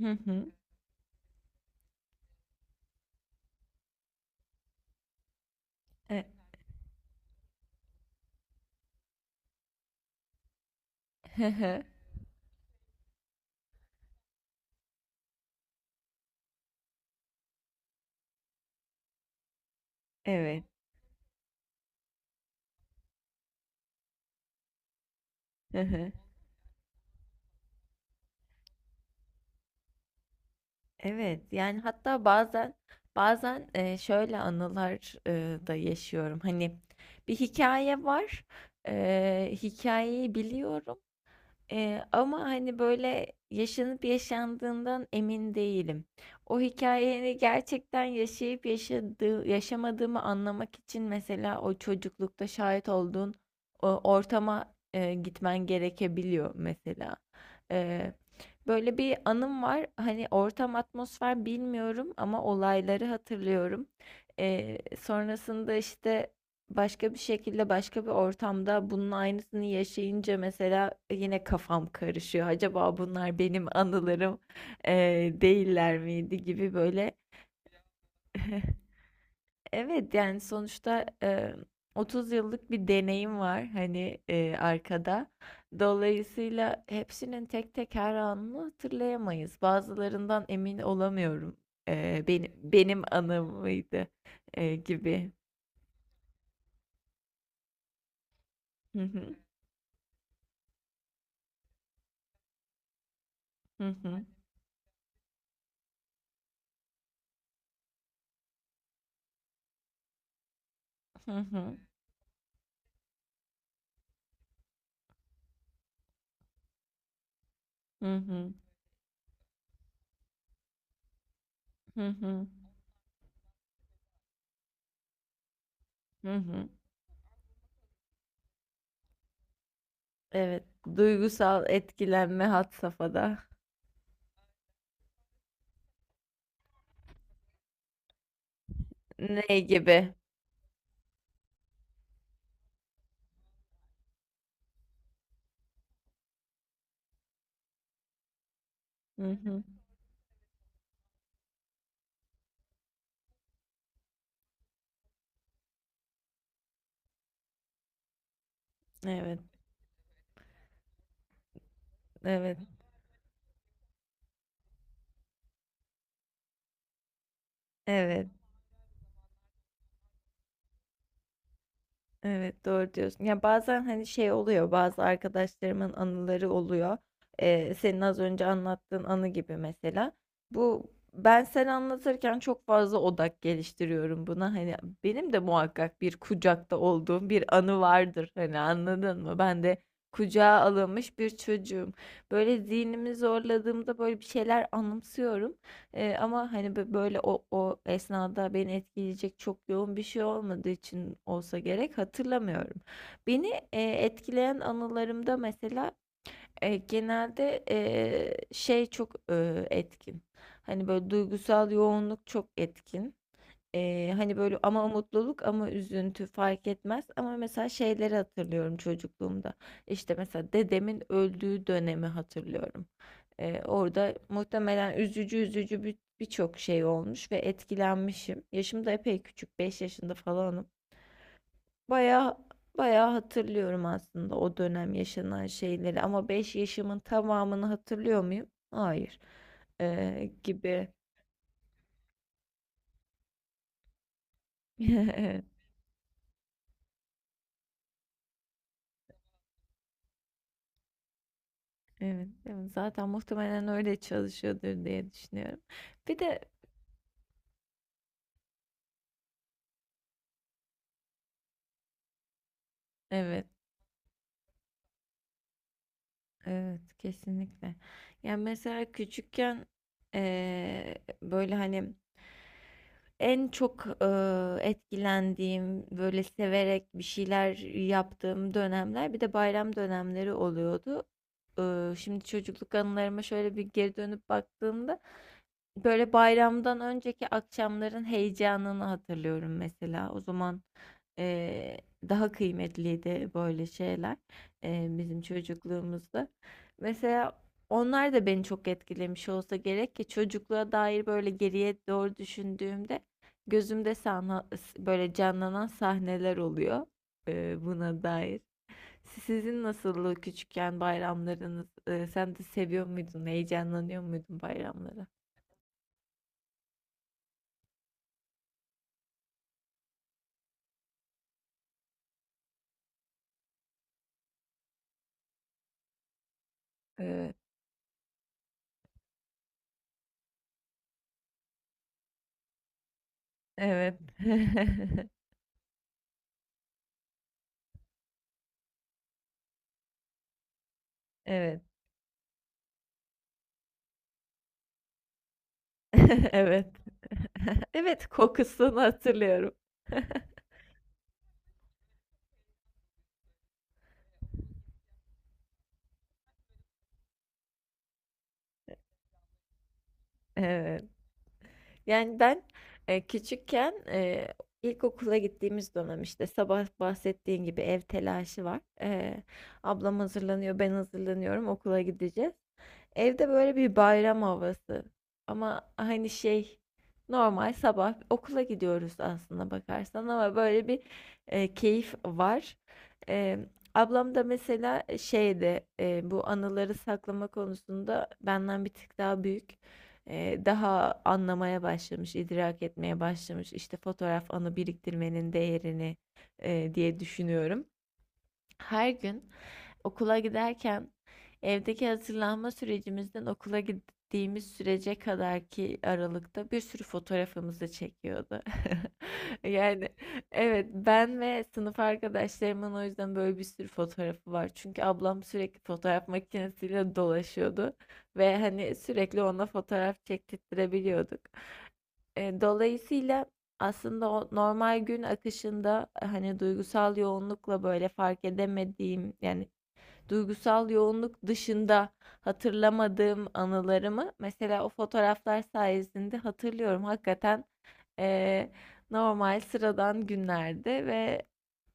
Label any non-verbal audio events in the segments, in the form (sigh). Hı hı. E, hı hı. Evet. Hı hı. Evet. Yani hatta bazen şöyle anılar da yaşıyorum. Hani bir hikaye var. Hikayeyi biliyorum. Ama, hani, böyle, yaşanıp yaşandığından emin değilim. O hikâyeyi gerçekten yaşayıp yaşadığı yaşamadığımı anlamak için mesela o çocuklukta şahit olduğun o ortama, gitmen gerekebiliyor mesela. Eee, böyle bir anım var. Hani, ortam, atmosfer bilmiyorum ama olayları hatırlıyorum. Sonrasında, işte, başka bir şekilde başka bir ortamda bunun aynısını yaşayınca mesela yine kafam karışıyor. Acaba bunlar benim anılarım değiller miydi gibi böyle. (laughs) Evet yani sonuçta 30 yıllık bir deneyim var hani arkada. Dolayısıyla hepsinin tek tek her anını hatırlayamayız. Bazılarından emin olamıyorum. Benim anım mıydı gibi. Hı hı. Hı hı. Hı hı. Hı hı. Hı hı. Hı hı. Evet. Duygusal etkilenme had safhada. Ne gibi? Hı hı. Evet. Evet. Evet. Evet doğru diyorsun. Ya bazen hani şey oluyor bazı arkadaşlarımın anıları oluyor. Senin az önce anlattığın anı gibi mesela. Bu ben sen anlatırken çok fazla odak geliştiriyorum buna. Hani benim de muhakkak bir kucakta olduğum bir anı vardır. Hani anladın mı? Ben de kucağa alınmış bir çocuğum. Böyle zihnimi zorladığımda böyle bir şeyler anımsıyorum. Ama, hani, böyle o esnada beni etkileyecek çok yoğun bir şey olmadığı için olsa gerek, hatırlamıyorum. Beni, etkileyen anılarımda mesela, genelde, şey çok, etkin, hani, böyle duygusal yoğunluk çok etkin. Hani, böyle ama mutluluk ama üzüntü fark etmez ama mesela şeyleri hatırlıyorum çocukluğumda. İşte, mesela dedemin öldüğü dönemi hatırlıyorum. Orada muhtemelen üzücü üzücü birçok şey olmuş ve etkilenmişim. Yaşım da epey küçük, 5 yaşında falanım. Baya baya hatırlıyorum aslında o dönem yaşanan şeyleri ama 5 yaşımın tamamını hatırlıyor muyum? Hayır. Gibi. (laughs) Evet, evet. Zaten muhtemelen öyle çalışıyordur diye düşünüyorum. Bir de evet, evet kesinlikle. Yani mesela küçükken böyle hani en çok, etkilendiğim, böyle, severek bir şeyler yaptığım dönemler bir de bayram dönemleri oluyordu. Şimdi çocukluk anılarıma şöyle bir geri dönüp baktığımda, böyle, bayramdan önceki akşamların heyecanını hatırlıyorum mesela. O zaman, eee, daha kıymetliydi böyle şeyler, bizim çocukluğumuzda. Mesela onlar da beni çok etkilemiş olsa gerek ki çocukluğa dair, böyle, geriye doğru düşündüğümde gözümde sana, böyle canlanan sahneler oluyor buna dair. Sizin nasıldı küçükken bayramlarınız? Sen de seviyor muydun? Heyecanlanıyor muydun bayramlara? Evet. Evet. (laughs) Evet. (laughs) Evet. (laughs) Evet, kokusunu hatırlıyorum. Evet. Yani ben küçükken ilkokula gittiğimiz dönem işte sabah bahsettiğin gibi ev telaşı var. Ablam hazırlanıyor, ben hazırlanıyorum, okula gideceğiz. Evde böyle bir bayram havası. Ama hani şey normal sabah okula gidiyoruz aslında bakarsan ama böyle bir keyif var. E, ablam da mesela şeyde bu anıları saklama konusunda benden bir tık daha büyük. Daha anlamaya başlamış, idrak etmeye başlamış. İşte fotoğraf anı biriktirmenin değerini diye düşünüyorum. Her gün okula giderken evdeki hazırlanma sürecimizden okula gittiğimiz sürece kadarki aralıkta bir sürü fotoğrafımızı çekiyordu. (laughs) Yani evet ben ve sınıf arkadaşlarımın o yüzden böyle bir sürü fotoğrafı var. Çünkü ablam sürekli fotoğraf makinesiyle dolaşıyordu ve hani sürekli ona fotoğraf çektirttirebiliyorduk. Dolayısıyla aslında o normal gün akışında hani duygusal yoğunlukla böyle fark edemediğim yani duygusal yoğunluk dışında hatırlamadığım anılarımı mesela o fotoğraflar sayesinde hatırlıyorum. Hakikaten, eee, normal sıradan günlerde ve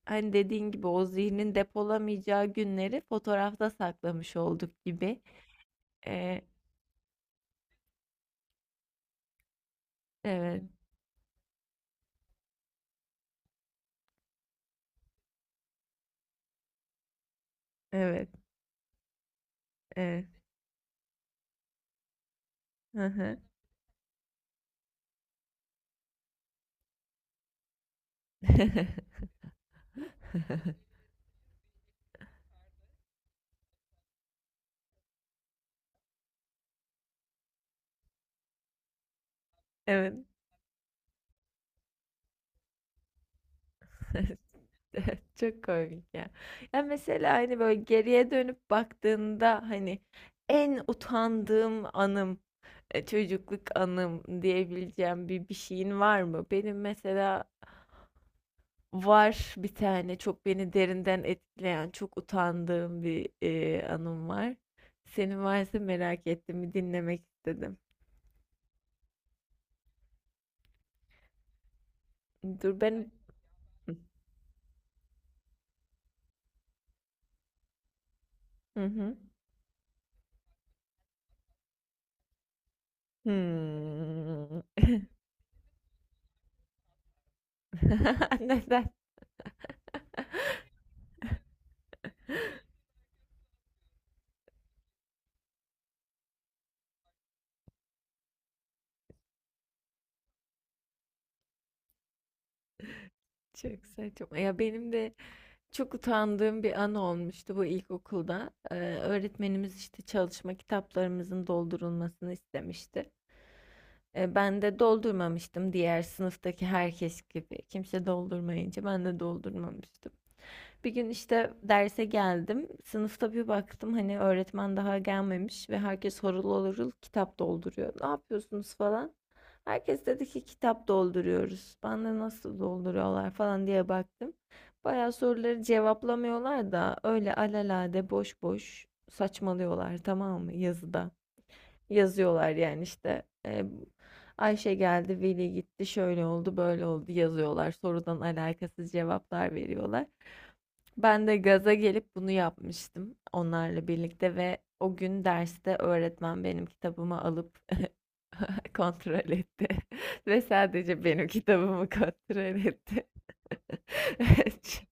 hani dediğin gibi o zihnin depolamayacağı günleri fotoğrafta saklamış olduk gibi. Eee, evet, evet, evet. Hı hı. (laughs) Evet. (laughs) Çok komik ya. Ya mesela hani böyle geriye dönüp baktığında hani en utandığım anım, çocukluk anım diyebileceğim bir şeyin var mı? Benim mesela var bir tane çok beni derinden etkileyen, çok utandığım bir anım var. Senin varsa merak ettim, bir dinlemek istedim. Dur ben... Hı hı. Hmm. (laughs) Neden? Çok saçma. Ya benim de çok utandığım bir an olmuştu bu ilkokulda. Öğretmenimiz işte çalışma kitaplarımızın doldurulmasını istemişti. Ben de doldurmamıştım diğer sınıftaki herkes gibi. Kimse doldurmayınca ben de doldurmamıştım. Bir gün işte derse geldim. Sınıfta bir baktım hani öğretmen daha gelmemiş ve herkes horul horul kitap dolduruyor. Ne yapıyorsunuz falan. Herkes dedi ki kitap dolduruyoruz. Ben de nasıl dolduruyorlar falan diye baktım. Bayağı soruları cevaplamıyorlar da öyle alelade boş boş saçmalıyorlar tamam mı yazıda. Yazıyorlar yani işte Ayşe geldi, Veli gitti, şöyle oldu, böyle oldu yazıyorlar. Sorudan alakasız cevaplar veriyorlar. Ben de gaza gelip bunu yapmıştım onlarla birlikte ve o gün derste öğretmen benim kitabımı alıp (laughs) kontrol etti (laughs) ve sadece benim kitabımı kontrol etti. (laughs) Ç-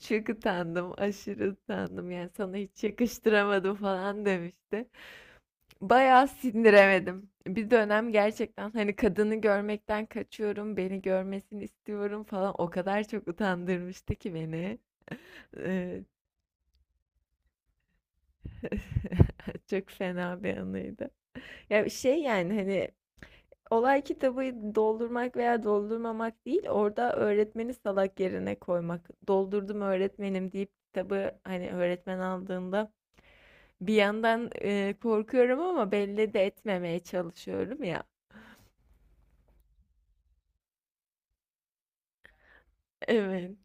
Çok utandım, aşırı utandım. Yani sana hiç yakıştıramadım falan demişti. Bayağı sindiremedim. Bir dönem gerçekten hani kadını görmekten kaçıyorum, beni görmesini istiyorum falan. O kadar çok utandırmıştı ki beni. Ee, (laughs) Çok fena bir anıydı. Ya şey yani hani olay kitabı doldurmak veya doldurmamak değil, orada öğretmeni salak yerine koymak. Doldurdum öğretmenim deyip kitabı hani öğretmen aldığında bir yandan korkuyorum ama belli de etmemeye çalışıyorum ya. Evet,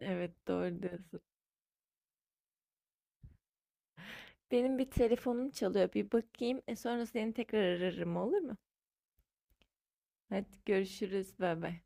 evet doğru diyorsun. Benim bir telefonum çalıyor. Bir bakayım. Sonra seni tekrar ararım olur mu? Hadi görüşürüz. Bay bay.